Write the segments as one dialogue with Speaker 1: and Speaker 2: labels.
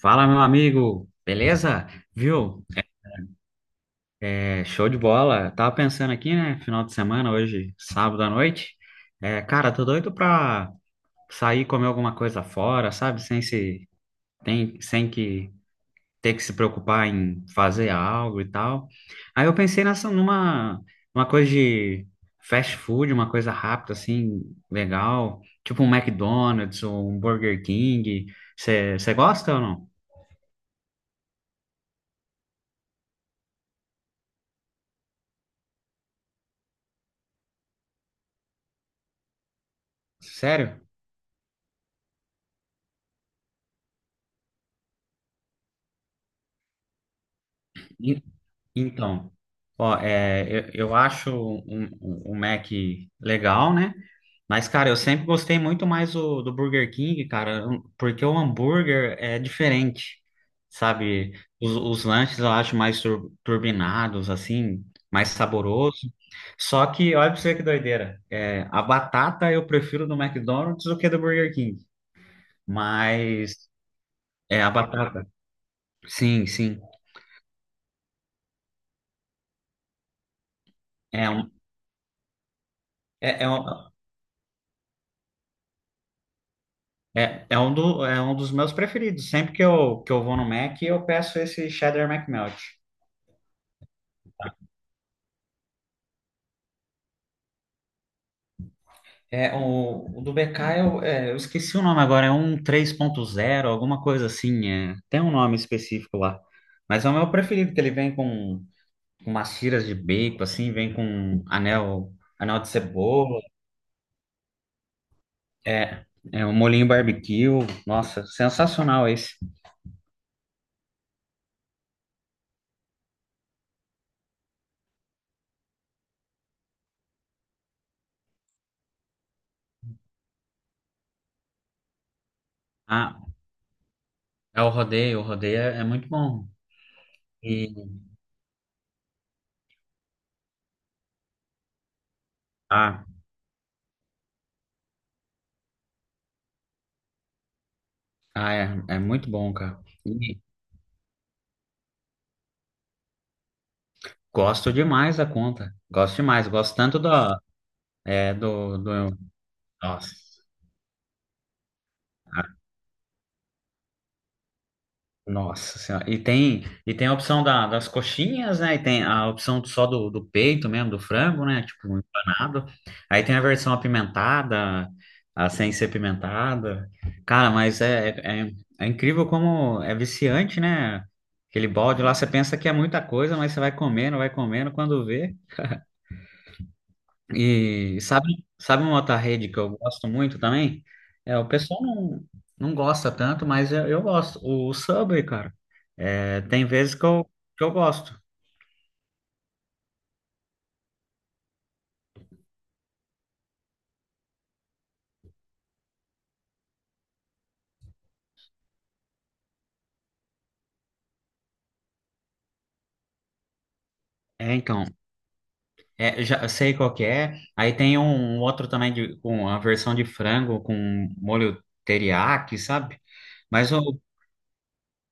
Speaker 1: Fala, meu amigo, beleza? Viu? É, show de bola. Tava pensando aqui, né? Final de semana, hoje, sábado à noite. É, cara, tô doido pra sair comer alguma coisa fora, sabe? Sem se, tem, sem que ter que se preocupar em fazer algo e tal. Aí eu pensei nessa, numa uma coisa de fast food, uma coisa rápida, assim, legal. Tipo um McDonald's, ou um Burger King. Você gosta ou não? Sério? Então, ó, eu acho um Mac legal, né? Mas, cara, eu sempre gostei muito mais do Burger King, cara, porque o hambúrguer é diferente, sabe? Os lanches eu acho mais turbinados, assim, mais saboroso. Só que, olha pra você que doideira, a batata eu prefiro do McDonald's do que do Burger King. Mas, a batata, sim, sim. É, um, é, é um- É um dos meus preferidos. Sempre que eu vou no Mac, eu peço esse Cheddar McMelt. É, o do BK, eu esqueci o nome agora, é um 3.0, alguma coisa assim. É. Tem um nome específico lá. Mas é o meu preferido, que ele vem com umas tiras de bacon, assim, vem com anel de cebola, é, é um molhinho barbecue. Nossa, sensacional esse. Ah, é o rodeio é muito bom. E, ah, é muito bom, cara. Gosto demais da conta. Gosto demais. Gosto tanto da, do. Nossa. Ah, Nossa Senhora. E tem a opção das coxinhas, né? E tem a opção só do peito mesmo, do frango, né? Tipo, empanado. Aí tem a versão apimentada, a sem ser apimentada. Cara, mas é incrível como é viciante, né? Aquele balde lá, você pensa que é muita coisa, mas você vai comendo, quando vê. E sabe uma outra rede que eu gosto muito também? É, o pessoal não gosta tanto, mas eu gosto. O Subway, cara, tem vezes que eu gosto. É, então, já sei qual que é. Aí tem um outro também com a versão de frango com molho teriyaki, sabe? Mas o,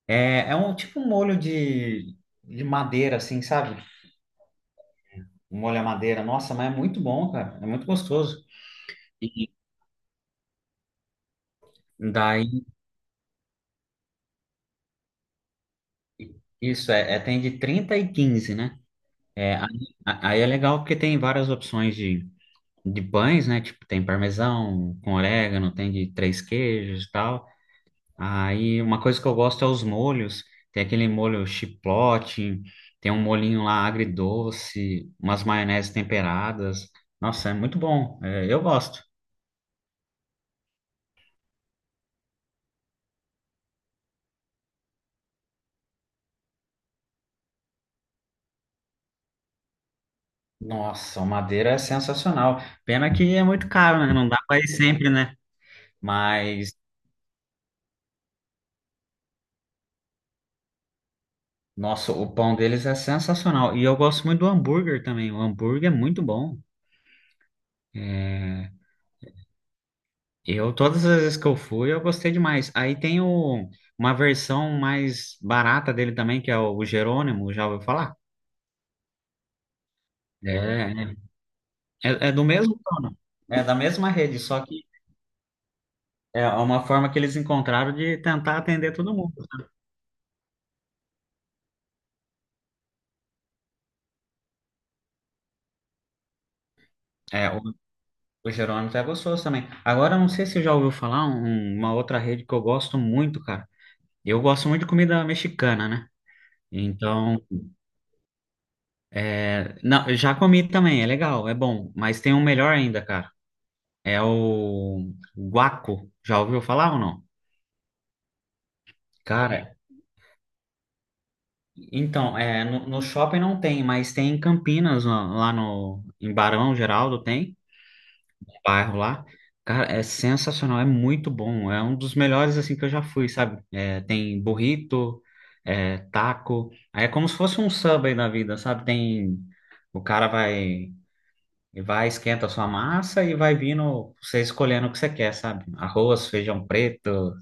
Speaker 1: é um tipo um molho de madeira, assim, sabe? Um molho à madeira. Nossa, mas é muito bom, cara. É muito gostoso. E daí, isso, tem de 30 e 15, né? É, aí, aí é legal porque tem várias opções de pães, né? Tipo, tem parmesão, com orégano, tem de três queijos e tal. Aí uma coisa que eu gosto é os molhos. Tem aquele molho chipotle, tem um molhinho lá agridoce, umas maioneses temperadas. Nossa, é muito bom. É, eu gosto. Nossa, o Madeira é sensacional. Pena que é muito caro, né? Não dá para ir sempre, né? Mas, nossa, o pão deles é sensacional. E eu gosto muito do hambúrguer também. O hambúrguer é muito bom. É, todas as vezes que eu fui, eu gostei demais. Aí tem uma versão mais barata dele também, que é o Jerônimo, já ouviu falar? É, é do mesmo dono, é da mesma rede, só que é uma forma que eles encontraram de tentar atender todo mundo. É, o Jerônimo é gostoso também. Agora, eu não sei se você já ouviu falar uma outra rede que eu gosto muito, cara. Eu gosto muito de comida mexicana, né? Então, não, eu já comi também, é legal, é bom, mas tem um melhor ainda, cara. É o guaco. Já ouviu falar ou não? Cara, então, no shopping não tem, mas tem em Campinas, lá lá no, em Barão Geraldo tem, um bairro lá. Cara, é sensacional, é muito bom, é um dos melhores assim que eu já fui, sabe? É, tem burrito, taco, aí é como se fosse um Subway da vida, sabe? Tem. O cara vai E vai, esquenta a sua massa e vai vindo você escolhendo o que você quer, sabe? Arroz, feijão preto,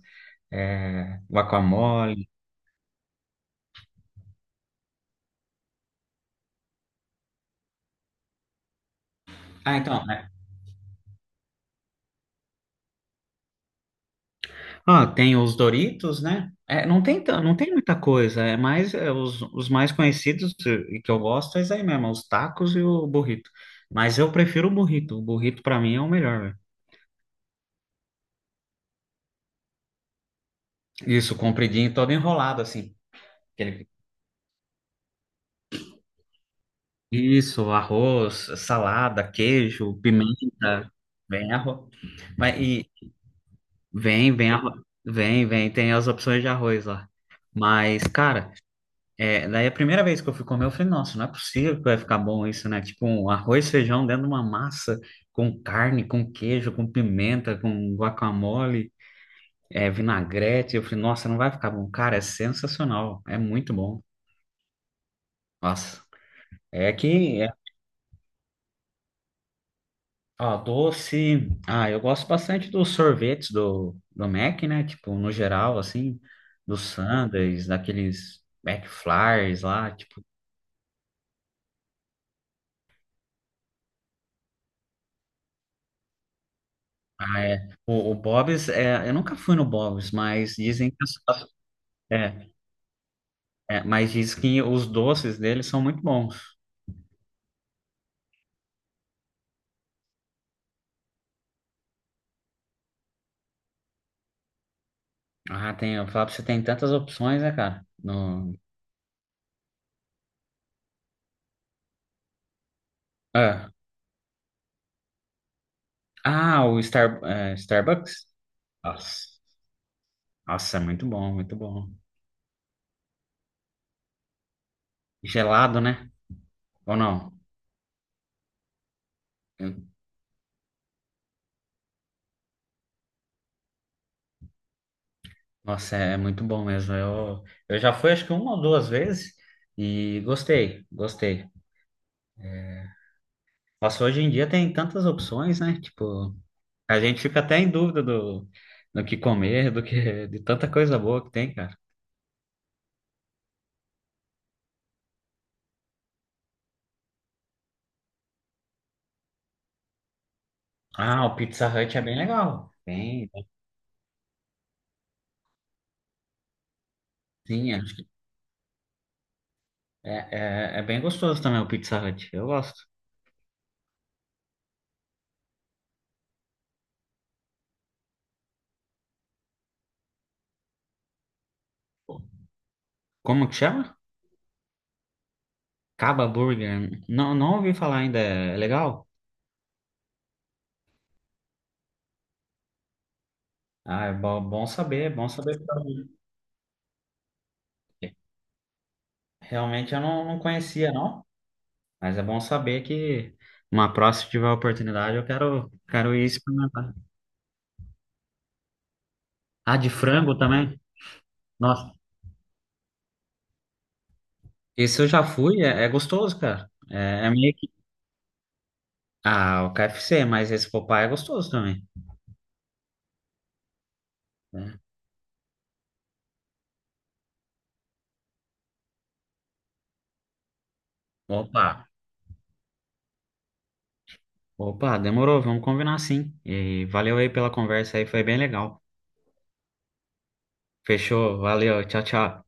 Speaker 1: guacamole. Ah, então, né? Ah, tem os Doritos, né? É, não tem muita coisa, é mais os mais conhecidos que eu gosto é isso aí mesmo, é os tacos e o burrito. Mas eu prefiro o burrito pra mim é o melhor, velho. Isso, compridinho, todo enrolado assim. Aquele- Isso, arroz, salada, queijo, pimenta, bem arroz. Mas e, Vem, vem, arro- vem, vem, tem as opções de arroz lá. Mas, cara, daí a primeira vez que eu fui comer, eu falei, nossa, não é possível que vai ficar bom isso, né? Tipo, um arroz, feijão dentro de uma massa com carne, com queijo, com pimenta, com guacamole, vinagrete. Eu falei, nossa, não vai ficar bom. Cara, é sensacional, é muito bom. Nossa! É que é Ah, doce. Ah, eu gosto bastante dos sorvetes do Mac, né? Tipo, no geral, assim, dos sundaes, daqueles McFlys lá, tipo. Ah, é. O Bob's, eu nunca fui no Bob's, mas dizem que é, mas diz que os doces dele são muito bons. Ah, tem, eu falo pra você, tem tantas opções, né, cara? No, ah, ah, Starbucks? Nossa, nossa, é muito bom, muito bom. Gelado, né? Ou não? Nossa, é muito bom mesmo. Eu já fui acho que uma ou duas vezes e gostei, gostei. Nossa, hoje em dia tem tantas opções, né? Tipo, a gente fica até em dúvida do que comer, do que de tanta coisa boa que tem, cara. Ah, o Pizza Hut é bem legal. Bem, sim, é, é bem gostoso também o Pizza Hut. Eu gosto. Como que chama? Caba Burger. Não, não ouvi falar ainda. É legal? Ah, é bom, bom saber, bom saber. Realmente eu não conhecia, não. Mas é bom saber que uma próxima, se tiver oportunidade, eu quero ir experimentar. Ah, de frango também? Nossa, esse eu já fui, é gostoso, cara. É meio que. Ah, o KFC, mas esse Popeye é gostoso também. Né? Opa, opa, demorou, vamos combinar sim. E valeu aí pela conversa aí, foi bem legal. Fechou, valeu, tchau, tchau.